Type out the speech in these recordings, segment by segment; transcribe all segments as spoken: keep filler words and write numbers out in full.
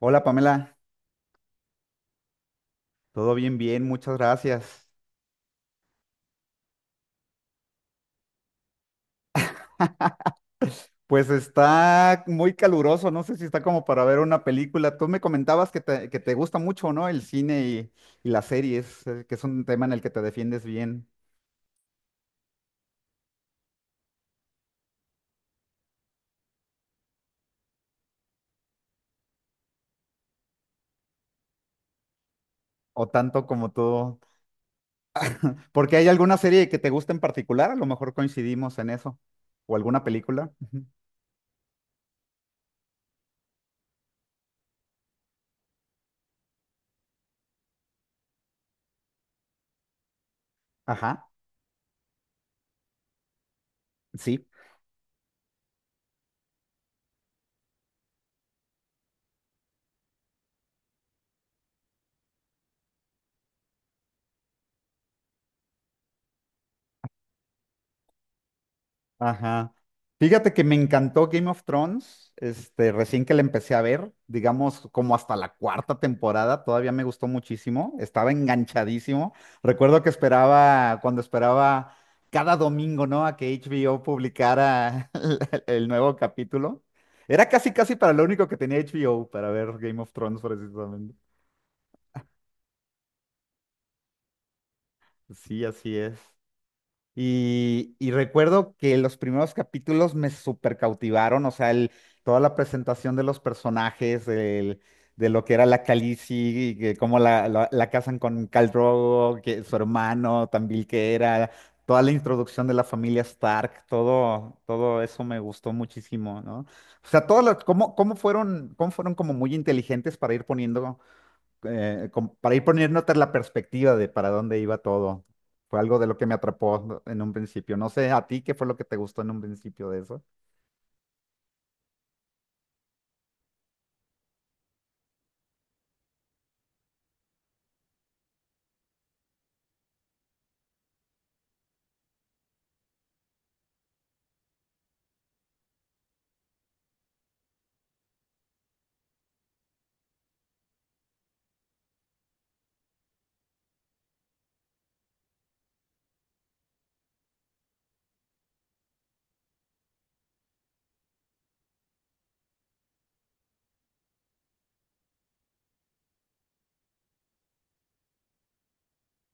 Hola Pamela, todo bien, bien, muchas gracias. Pues está muy caluroso, no sé si está como para ver una película. Tú me comentabas que te, que te gusta mucho, ¿no? El cine y, y las series, eh, que es un tema en el que te defiendes bien, o tanto como tú. Porque hay alguna serie que te gusta en particular, a lo mejor coincidimos en eso, o alguna película. Ujú. Ajá, sí. Ajá. Fíjate que me encantó Game of Thrones, este, recién que la empecé a ver, digamos como hasta la cuarta temporada, todavía me gustó muchísimo, estaba enganchadísimo. Recuerdo que esperaba, cuando esperaba cada domingo, ¿no? A que H B O publicara el el nuevo capítulo. Era casi, casi para lo único que tenía H B O, para ver Game of Thrones precisamente. Sí, así es. Y, y recuerdo que los primeros capítulos me super cautivaron, o sea, el- toda la presentación de los personajes, el- de lo que era la Khaleesi, y que cómo la, la, la casan con Khal Drogo, que su hermano también que era, toda la introducción de la familia Stark, todo, todo eso me gustó muchísimo, ¿no? O sea, todo lo- cómo, cómo fueron, cómo fueron como muy inteligentes para ir poniendo eh, com- para ir poniéndote la perspectiva de para dónde iba todo. Fue algo de lo que me atrapó en un principio. No sé a ti qué fue lo que te gustó en un principio de eso.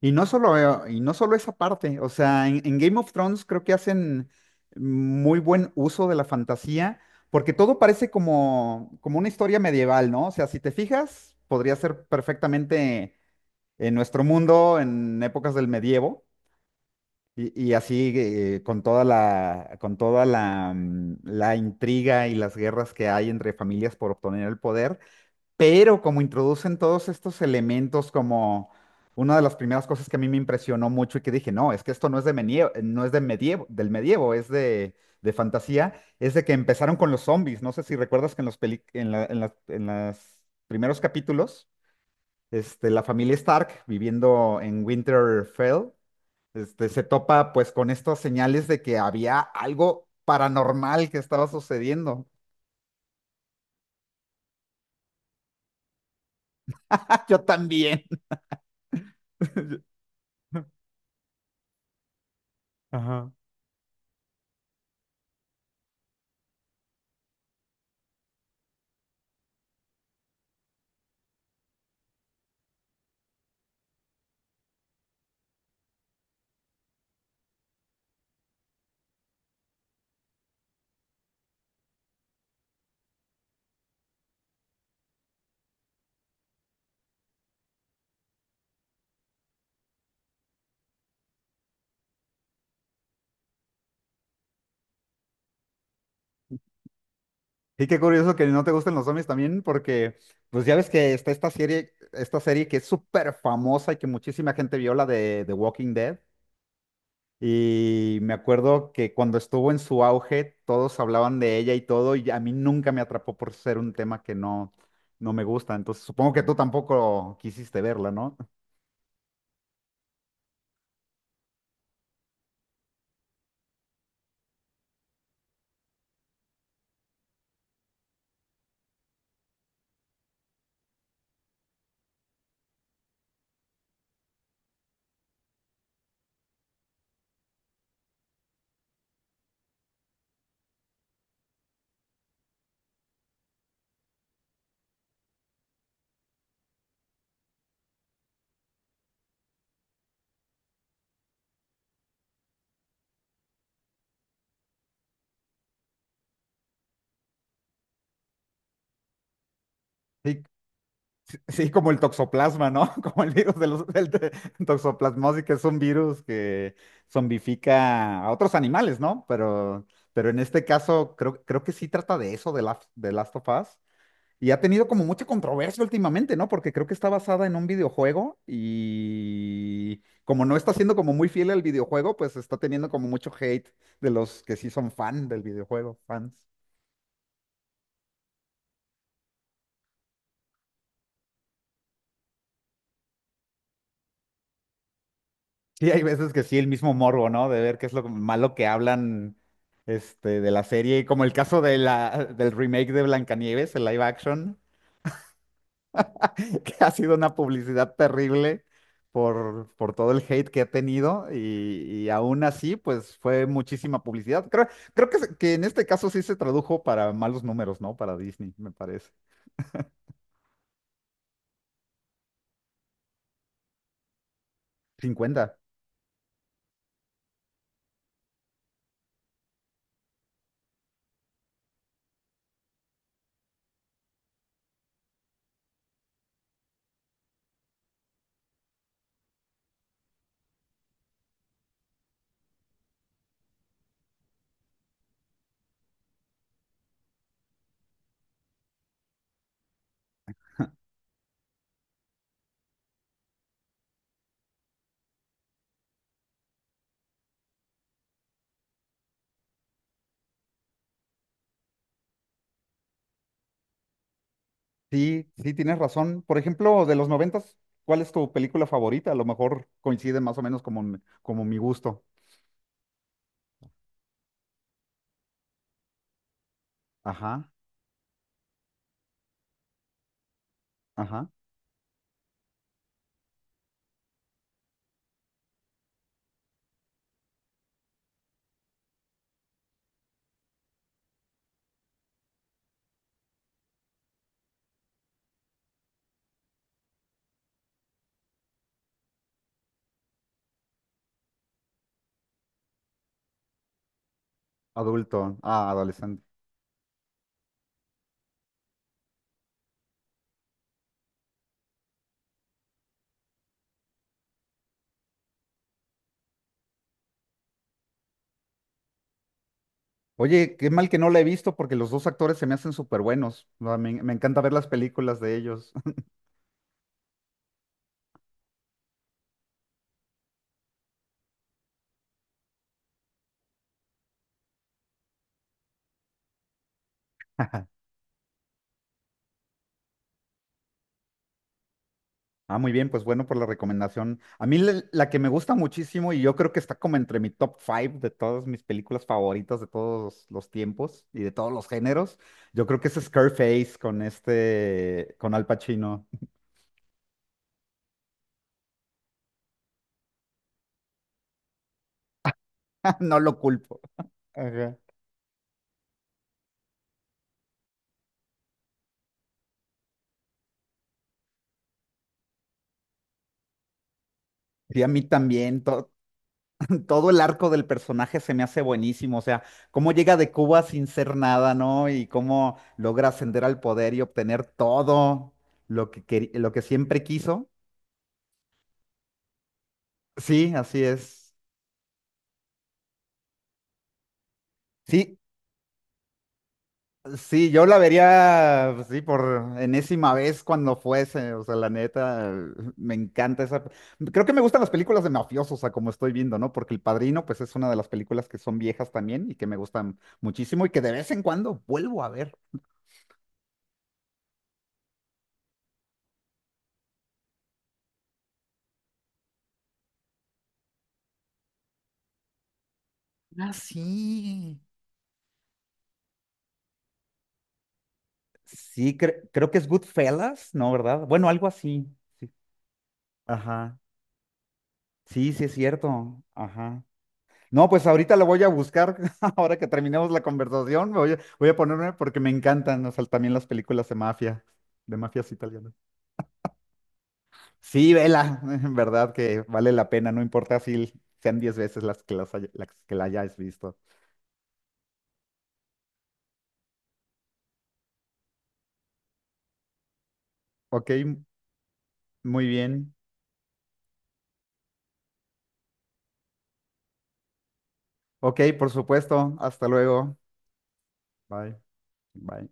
Y no solo, eh, y no solo esa parte, o sea, en, en Game of Thrones creo que hacen muy buen uso de la fantasía, porque todo parece como, como una historia medieval, ¿no? O sea, si te fijas, podría ser perfectamente en nuestro mundo, en épocas del medievo. Y, y así eh, con toda la, con toda la, mm, la intriga y las guerras que hay entre familias por obtener el poder, pero como introducen todos estos elementos como una de las primeras cosas que a mí me impresionó mucho y que dije, no, es que esto no es de medievo, no es de medievo, del medievo, es de, de fantasía, es de que empezaron con los zombies. No sé si recuerdas que en los peli- en la- en las- en los primeros capítulos, este, la familia Stark viviendo en Winterfell este, se topa pues con estas señales de que había algo paranormal que estaba sucediendo. Ah, yo también. Ajá. Y qué curioso que no te gusten los zombies también, porque pues ya ves que está esta serie, esta serie que es súper famosa y que muchísima gente vio, la de The Walking Dead. Y me acuerdo que cuando estuvo en su auge, todos hablaban de ella y todo, y a mí nunca me atrapó por ser un tema que no, no me gusta. Entonces supongo que tú tampoco quisiste verla, ¿no? ¿Y sí, como el toxoplasma, ¿no? Como el virus de los- del de- toxoplasmosis, que es un virus que zombifica a otros animales, ¿no? Pero, pero en este caso creo, creo que sí trata de eso, de, Last- de Last of Us. Y ha tenido como mucha controversia últimamente, ¿no? Porque creo que está basada en un videojuego y como no está siendo como muy fiel al videojuego, pues está teniendo como mucho hate de los que sí son fan del videojuego, fans. Sí, hay veces que sí, el mismo morbo, ¿no? De ver qué es lo malo que hablan este, de la serie, como el caso de la, del remake de Blancanieves, el live action, que ha sido una publicidad terrible por, por todo el hate que ha tenido y, y aún así, pues fue muchísima publicidad. Creo, creo que, se- que en este caso sí se tradujo para malos números, ¿no? Para Disney, me parece. Cincuenta, sí, sí, tienes razón. Por ejemplo, de los noventas, ¿cuál es tu película favorita? A lo mejor coincide más o menos como, mi- como mi gusto. Ajá, ajá. Adulto, ah, adolescente. Oye, qué mal que no la he visto porque los dos actores se me hacen súper buenos. No, Me, me encanta ver las películas de ellos. Ah, muy bien, pues bueno por la recomendación. A mí la, la que me gusta muchísimo y yo creo que está como entre mi top five de todas mis películas favoritas de todos los tiempos y de todos los géneros, yo creo que es Scarface con este, con Al Pacino. No lo culpo. Ajá. Sí, a mí también. To- Todo el arco del personaje se me hace buenísimo, o sea, cómo llega de Cuba sin ser nada, ¿no? Y cómo logra ascender al poder y obtener todo lo que, queri- lo que siempre quiso. Sí, así es. Sí, sí, yo la vería, pues sí, por enésima vez cuando fuese, o sea, la neta, me encanta esa... Creo que me gustan las películas de mafiosos, a como estoy viendo, ¿no? Porque El Padrino, pues es una de las películas que son viejas también y que me gustan muchísimo y que de vez en cuando vuelvo a ver. Ah, sí. Sí, cre- creo que es Goodfellas, ¿no? ¿Verdad? Bueno, algo así. Sí. Ajá. Sí, sí es cierto. Ajá. No, pues ahorita lo voy a buscar. Ahora que terminemos la conversación, me voy a, voy a ponerme porque me encantan, o sea, también las películas de mafia, de mafias italianas. Sí, vela, en verdad que vale la pena, no importa si sean diez veces las que, las, haya- las que la hayas visto. Ok, muy bien. Ok, por supuesto. Hasta luego. Bye. Bye.